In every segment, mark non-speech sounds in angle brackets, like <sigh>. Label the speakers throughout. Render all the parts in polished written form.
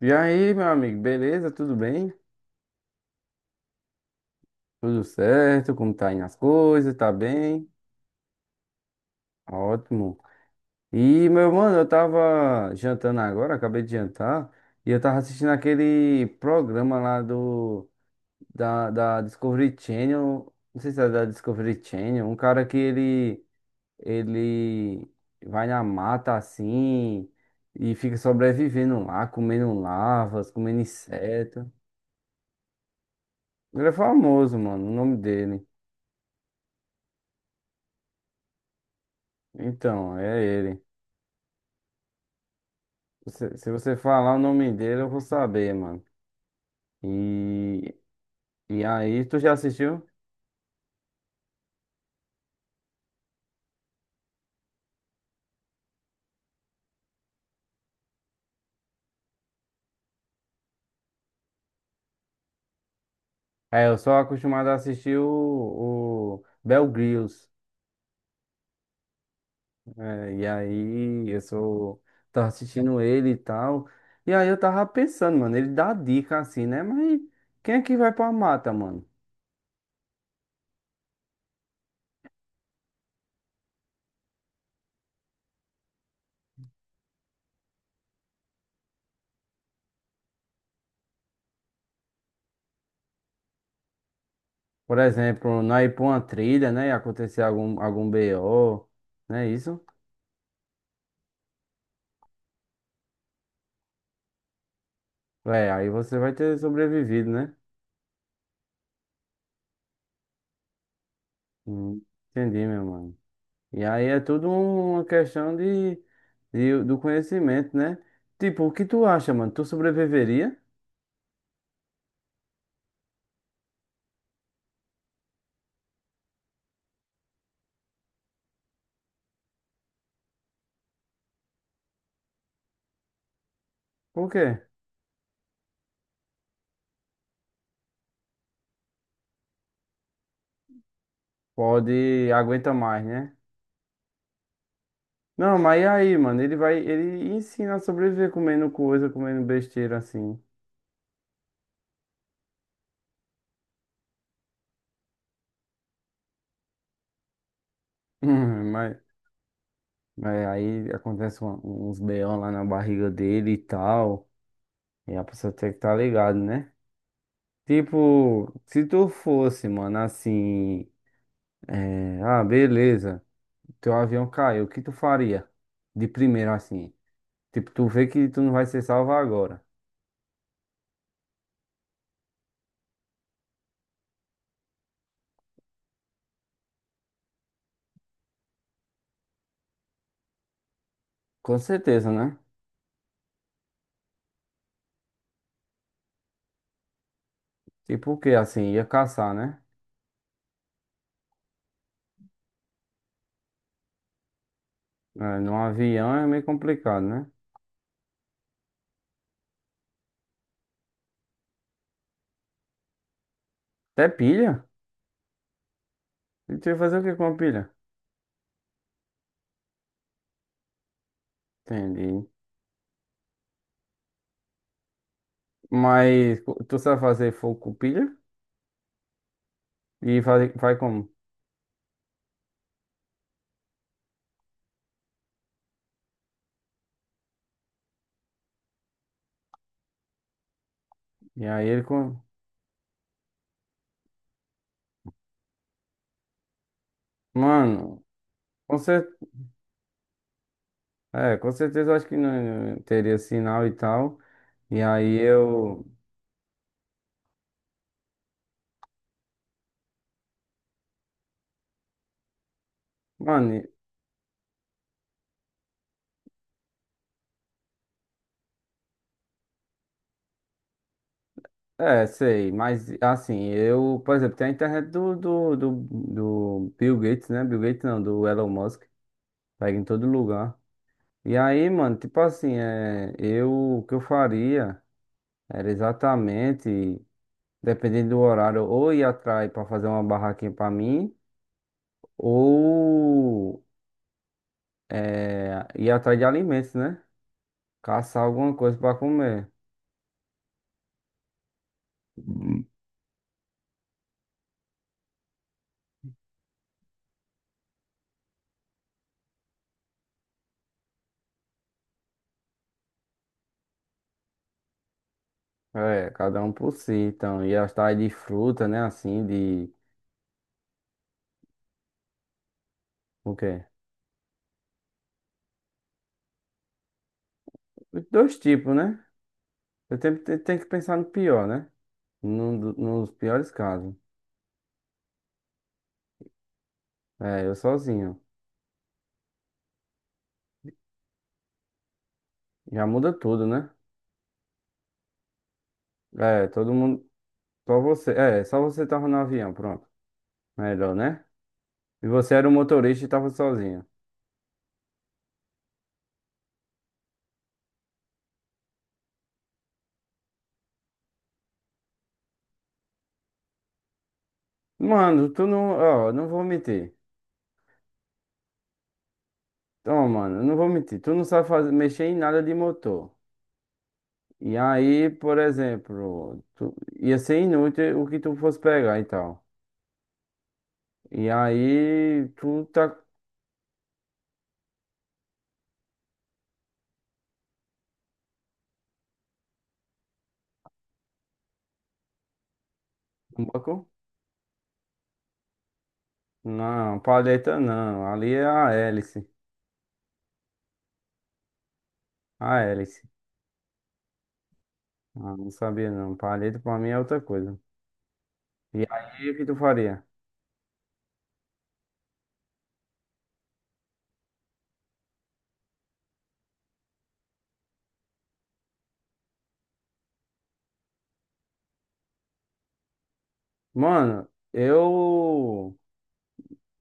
Speaker 1: E aí, meu amigo, beleza? Tudo bem? Tudo certo? Como tá indo as coisas? Tá bem? Ótimo. E, meu mano, eu tava jantando agora, acabei de jantar, e eu tava assistindo aquele programa lá do da Discovery Channel, não sei se é da Discovery Channel, um cara que ele vai na mata assim e fica sobrevivendo lá, comendo larvas, comendo inseto. Ele é famoso, mano, o nome dele. Então, é ele. Se você falar o nome dele, eu vou saber, mano. E, e aí, tu já assistiu? É, eu sou acostumado a assistir o Bear Grylls. É, e aí, eu sou. Tava assistindo ele e tal. E aí, eu tava pensando, mano, ele dá dica assim, né? Mas quem é que vai pra mata, mano? Por exemplo, não ir pra uma trilha, né? E acontecer algum BO, não é isso? É, aí você vai ter sobrevivido, né? Hum, entendi, meu mano. E aí é tudo uma questão do conhecimento, né? Tipo, o que tu acha, mano? Tu sobreviveria? Por quê? Pode, aguenta mais, né? Não, mas e aí, mano? Ele vai, ele ensina a sobreviver comendo coisa, comendo besteira assim. <laughs> Hum, Mas, mas aí acontece uns BO lá na barriga dele e tal. E a pessoa tem que estar tá ligado, né? Tipo, se tu fosse, mano, assim. É, ah, beleza. Teu avião caiu, o que tu faria? De primeiro, assim. Tipo, tu vê que tu não vai ser salvo agora. Com certeza, né? Tipo o quê? Assim, ia caçar, né? É, num avião é meio complicado, né? Até pilha. E tu ia fazer o que com a pilha? Entendi. Mas tu sabe fazer fogo com pilha? E vai, vai como? E aí ele com... Mano, com cer... é, com certeza eu acho que não teria sinal e tal. E aí eu... Mano, é, sei, mas assim, eu, por exemplo, tem a internet do Bill Gates, né? Bill Gates não, do Elon Musk, pega em todo lugar. E aí, mano, tipo assim, é, eu, o que eu faria era exatamente, dependendo do horário, ou ir atrás pra fazer uma barraquinha pra mim, ou é, ir atrás de alimentos, né? Caçar alguma coisa pra comer. É, cada um por si, então, ir atrás de fruta, né? Assim, de. O quê? Dois tipos, né? Eu tenho, tenho que pensar no pior, né? Nos piores casos. É, eu sozinho. Já muda tudo, né? É, todo mundo. Só você. É, só você tava no avião, pronto. Melhor, né? E você era o motorista e tava sozinho. Mano, tu não. Ó, não vou mentir. Então, mano, eu não vou mentir. Tu não sabe fazer, mexer em nada de motor. E aí, por exemplo, tu, ia ser inútil o que tu fosse pegar e tal. E aí, tu tá. Como é que é? Não, palheta não. Ali é a hélice. A hélice. Ah, não sabia não. Palheta pra mim é outra coisa. E aí, o que tu faria? Mano, eu.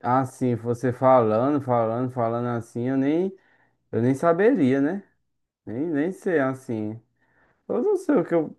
Speaker 1: Assim, você falando, falando, falando assim, eu nem. Eu nem saberia, né? Nem, nem sei assim. Eu não sei o que eu.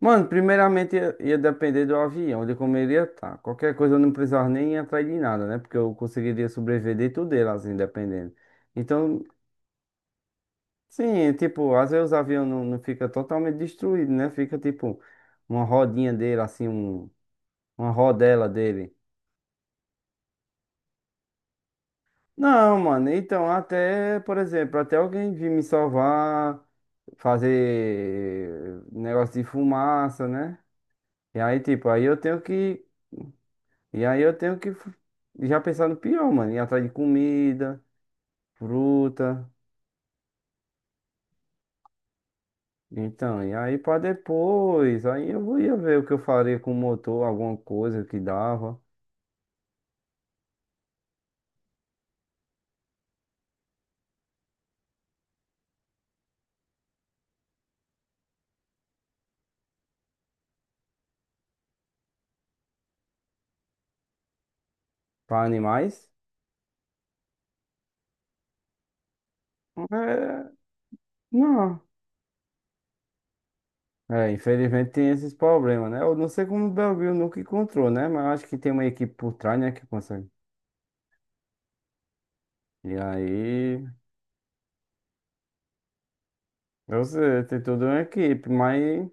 Speaker 1: Mano, primeiramente ia depender do avião, de como ele ia estar. Qualquer coisa eu não precisava nem ir atrás de nada, né? Porque eu conseguiria sobreviver de tudo dele, assim, dependendo. Então, sim, tipo, às vezes o avião não fica totalmente destruído, né? Fica tipo uma rodinha dele, assim, um, uma rodela dele. Não, mano, então até, por exemplo, até alguém vir me salvar, fazer negócio de fumaça, né? E aí, tipo, aí eu tenho que. E aí eu tenho que já pensar no pior, mano. Ir atrás de comida, fruta. Então, e aí pra depois, aí eu ia ver o que eu faria com o motor, alguma coisa que dava. Para animais? É, não. É, infelizmente tem esses problemas, né? Eu não sei como o Belville nunca encontrou, né? Mas eu acho que tem uma equipe por trás, né? Que consegue. E aí, eu sei, tem toda uma equipe, mas.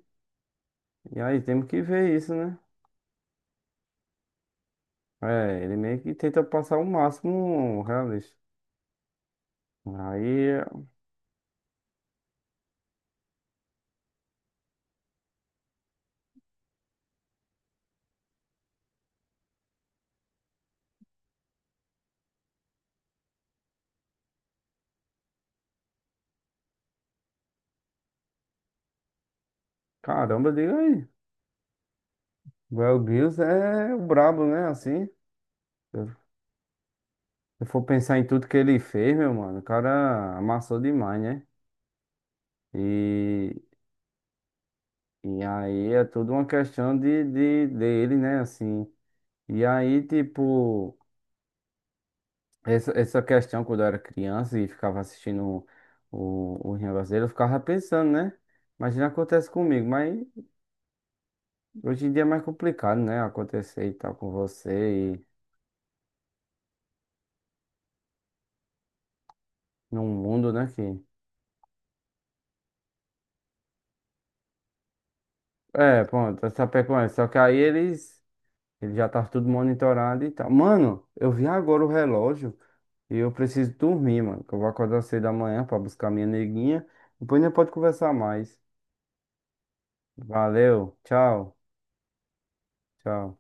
Speaker 1: E aí, temos que ver isso, né? É, ele meio que tenta passar o máximo realista. Aí, caramba, diga aí. Belville é o brabo, né? Assim, se eu for pensar em tudo que ele fez, meu mano, o cara amassou demais, né? E. E aí é tudo uma questão de dele, né? Assim. E aí, tipo, essa questão quando eu era criança e ficava assistindo o negócio dele, eu ficava pensando, né? Imagina acontece comigo, mas hoje em dia é mais complicado, né? Acontecer e tal com você e num mundo, né? Que... É, pronto, essa pecuária. Só que aí eles, ele já tá tudo monitorado e tal. Mano, eu vi agora o relógio. E eu preciso dormir, mano, que eu vou acordar cedo amanhã pra buscar minha neguinha. Depois a gente pode conversar mais. Valeu, tchau, tchau.